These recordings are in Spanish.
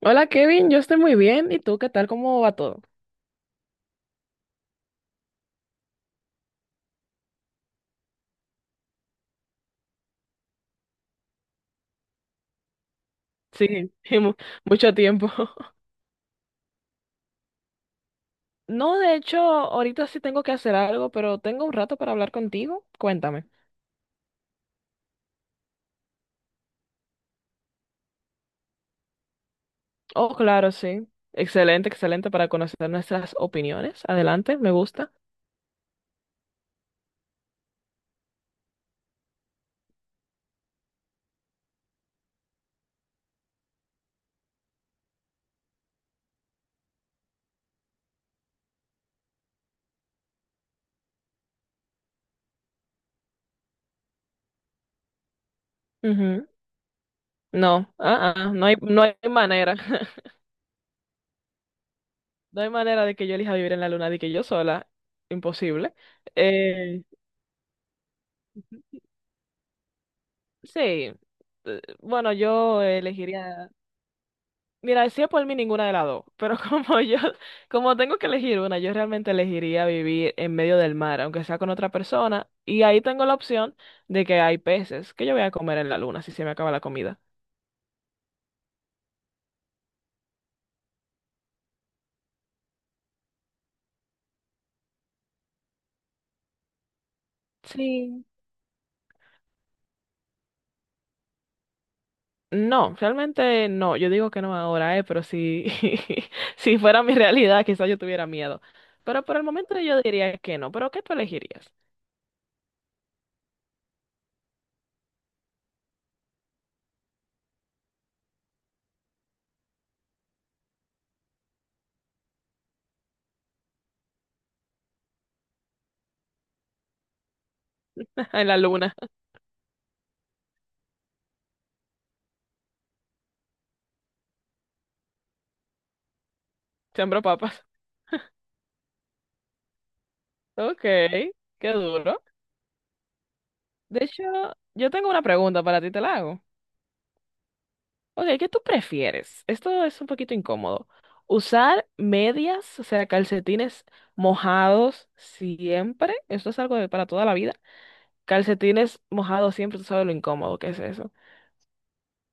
Hola Kevin, yo estoy muy bien. ¿Y tú qué tal? ¿Cómo va todo? Sí, mu- mucho tiempo. No, de hecho, ahorita sí tengo que hacer algo, pero tengo un rato para hablar contigo. Cuéntame. Oh, claro, sí. Excelente, excelente para conocer nuestras opiniones. Adelante, me gusta. Ujú. No, ah, ah, no hay manera. No hay manera de que yo elija vivir en la luna de que yo sola. Imposible. Eh, sí, bueno, yo elegiría. Mira, si es por mí ninguna de las dos, pero como yo, como tengo que elegir una, yo realmente elegiría vivir en medio del mar, aunque sea con otra persona, y ahí tengo la opción de que hay peces que yo voy a comer en la luna si se me acaba la comida. Sí. No, realmente no, yo digo que no ahora, pero si, si fuera mi realidad, quizás yo tuviera miedo. Pero por el momento yo diría que no, pero ¿qué tú elegirías? En la luna, sembro papas. Ok, qué duro. De hecho, yo tengo una pregunta para ti, te la hago. Ok, ¿qué tú prefieres? Esto es un poquito incómodo. Usar medias, o sea, calcetines mojados siempre. Esto es algo de para toda la vida. Calcetines mojados siempre, tú sabes lo incómodo que es eso.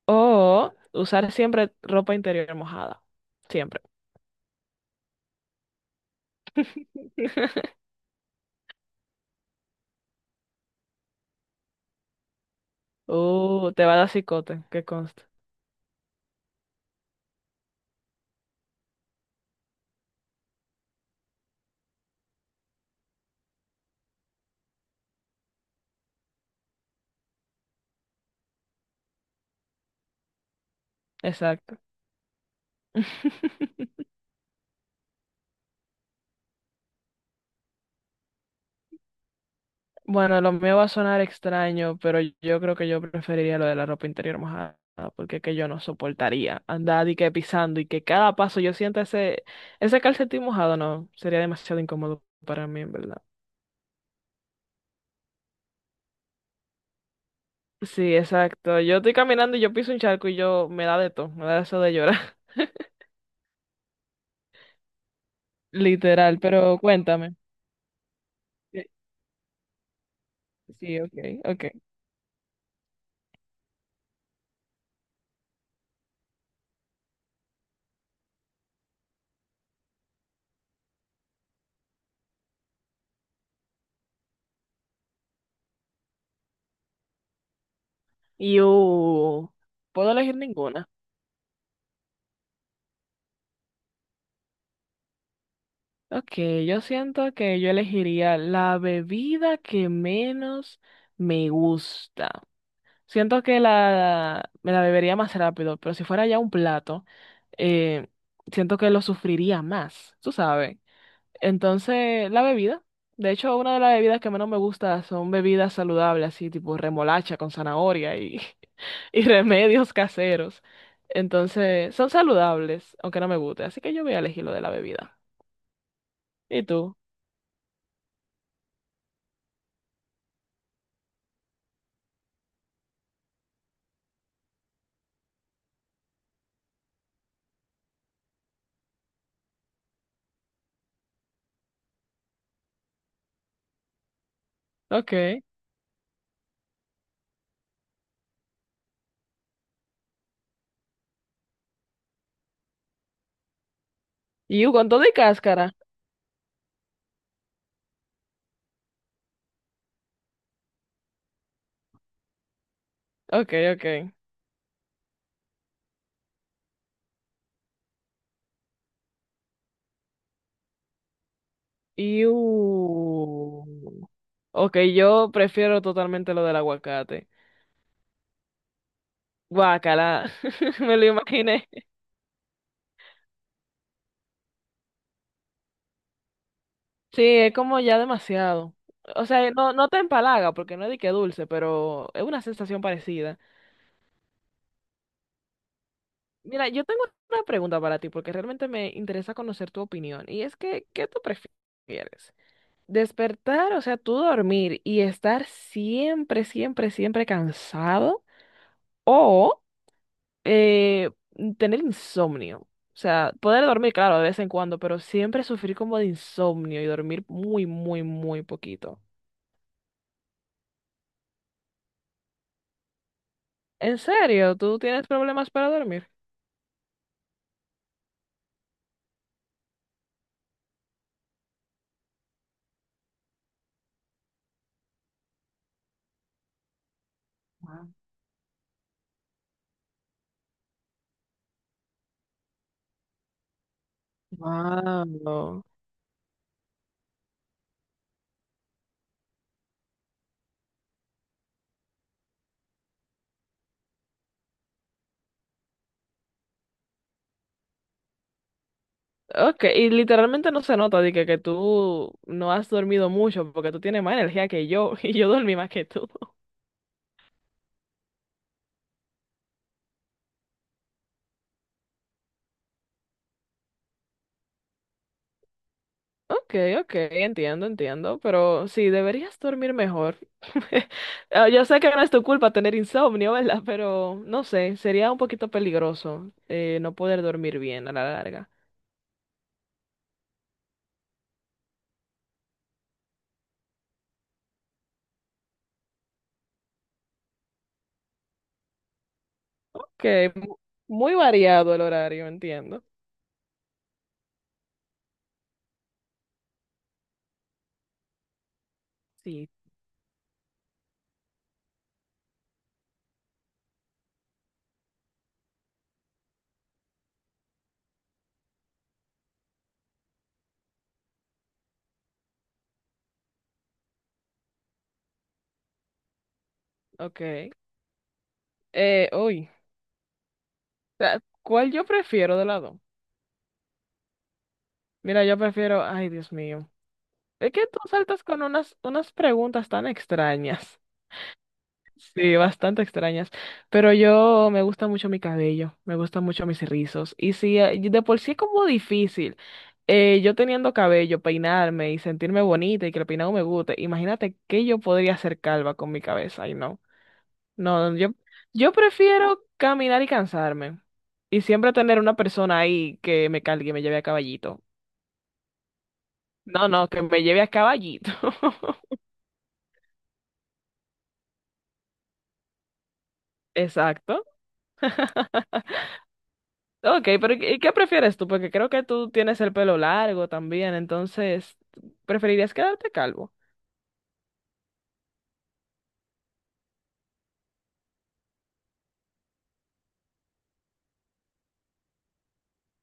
O usar siempre ropa interior mojada. Siempre. Te va a dar cicote, que consta. Exacto. Bueno, lo mío va a sonar extraño, pero yo creo que yo preferiría lo de la ropa interior mojada, porque es que yo no soportaría andar y que pisando y que cada paso yo sienta ese, ese calcetín mojado, no, sería demasiado incómodo para mí, en verdad. Sí, exacto. Yo estoy caminando y yo piso un charco y yo me da de todo, me da eso de llorar, literal, pero cuéntame. Eh, Sí, ok, ok. Y uh, ¿Puedo elegir ninguna? Ok, yo siento que yo elegiría la bebida que menos me gusta. Siento que la, me la bebería más rápido, pero si fuera ya un plato, eh, siento que lo sufriría más, tú sabes. Entonces, la bebida. De hecho, una de las bebidas que menos me gusta son bebidas saludables, así tipo remolacha con zanahoria y, y remedios caseros. Entonces, son saludables, aunque no me guste. Así que yo voy a elegir lo de la bebida. ¿Y tú? Ok. Iu con todo y cáscara. Ok, ok. Iu. Ok, yo prefiero totalmente lo del aguacate. Guácala, me lo imaginé. Sí, es como ya demasiado. O sea, no, no te empalaga porque no es de que dulce, pero es una sensación parecida. Mira, yo tengo una pregunta para ti porque realmente me interesa conocer tu opinión. Y es que, ¿qué tú prefieres? ¿Despertar, o sea, tú dormir y estar siempre, siempre, siempre cansado? ¿O Eh, tener insomnio? O sea, poder dormir, claro, de vez en cuando, pero siempre sufrir como de insomnio y dormir muy, muy, muy poquito. ¿En serio? ¿Tú tienes problemas para dormir? Wow. Ok, y literalmente no se nota de que tú no has dormido mucho porque tú tienes más energía que yo y yo dormí más que tú. Ok, ok, entiendo, entiendo, pero sí, deberías dormir mejor. Ah, yo sé que no es tu culpa tener insomnio, ¿verdad? Pero no sé, sería un poquito peligroso, no poder dormir bien a la larga. Ok, mu- muy variado el horario, entiendo. Sí, ok. Uy, ah, ¿cuál yo prefiero de lado? Mira, yo prefiero, ay, Dios mío. Es que tú saltas con unas, unas preguntas tan extrañas. Sí, bastante extrañas. Pero yo me gusta mucho mi cabello, me gustan mucho mis rizos. Y si de por sí es como difícil, yo teniendo cabello, peinarme y sentirme bonita y que el peinado me guste, imagínate que yo podría hacer calva con mi cabeza. Y no, no, yo prefiero caminar y cansarme. Y siempre tener una persona ahí que me cargue y me lleve a caballito. No, no, que me lleve a caballito. Exacto. Ok, pero ¿y qué prefieres tú? Porque creo que tú tienes el pelo largo también, entonces, ¿preferirías quedarte calvo?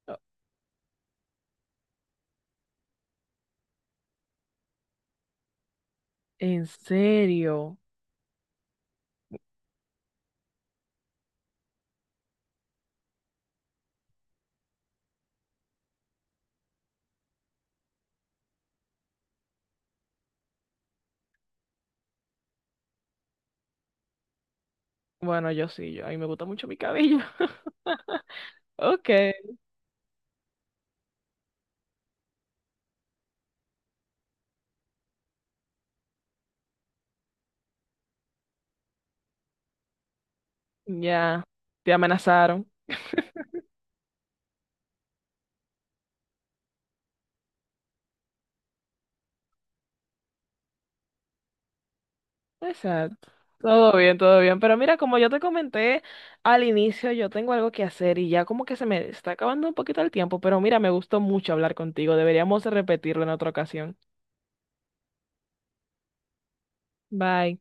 Oh, ¿en serio? Bueno, yo sí, yo, a mí me gusta mucho mi cabello. Ok, ya, te amenazaron. Exacto. Todo bien, todo bien. Pero mira, como yo te comenté al inicio, yo tengo algo que hacer y ya como que se me está acabando un poquito el tiempo, pero mira, me gustó mucho hablar contigo. Deberíamos repetirlo en otra ocasión. Bye.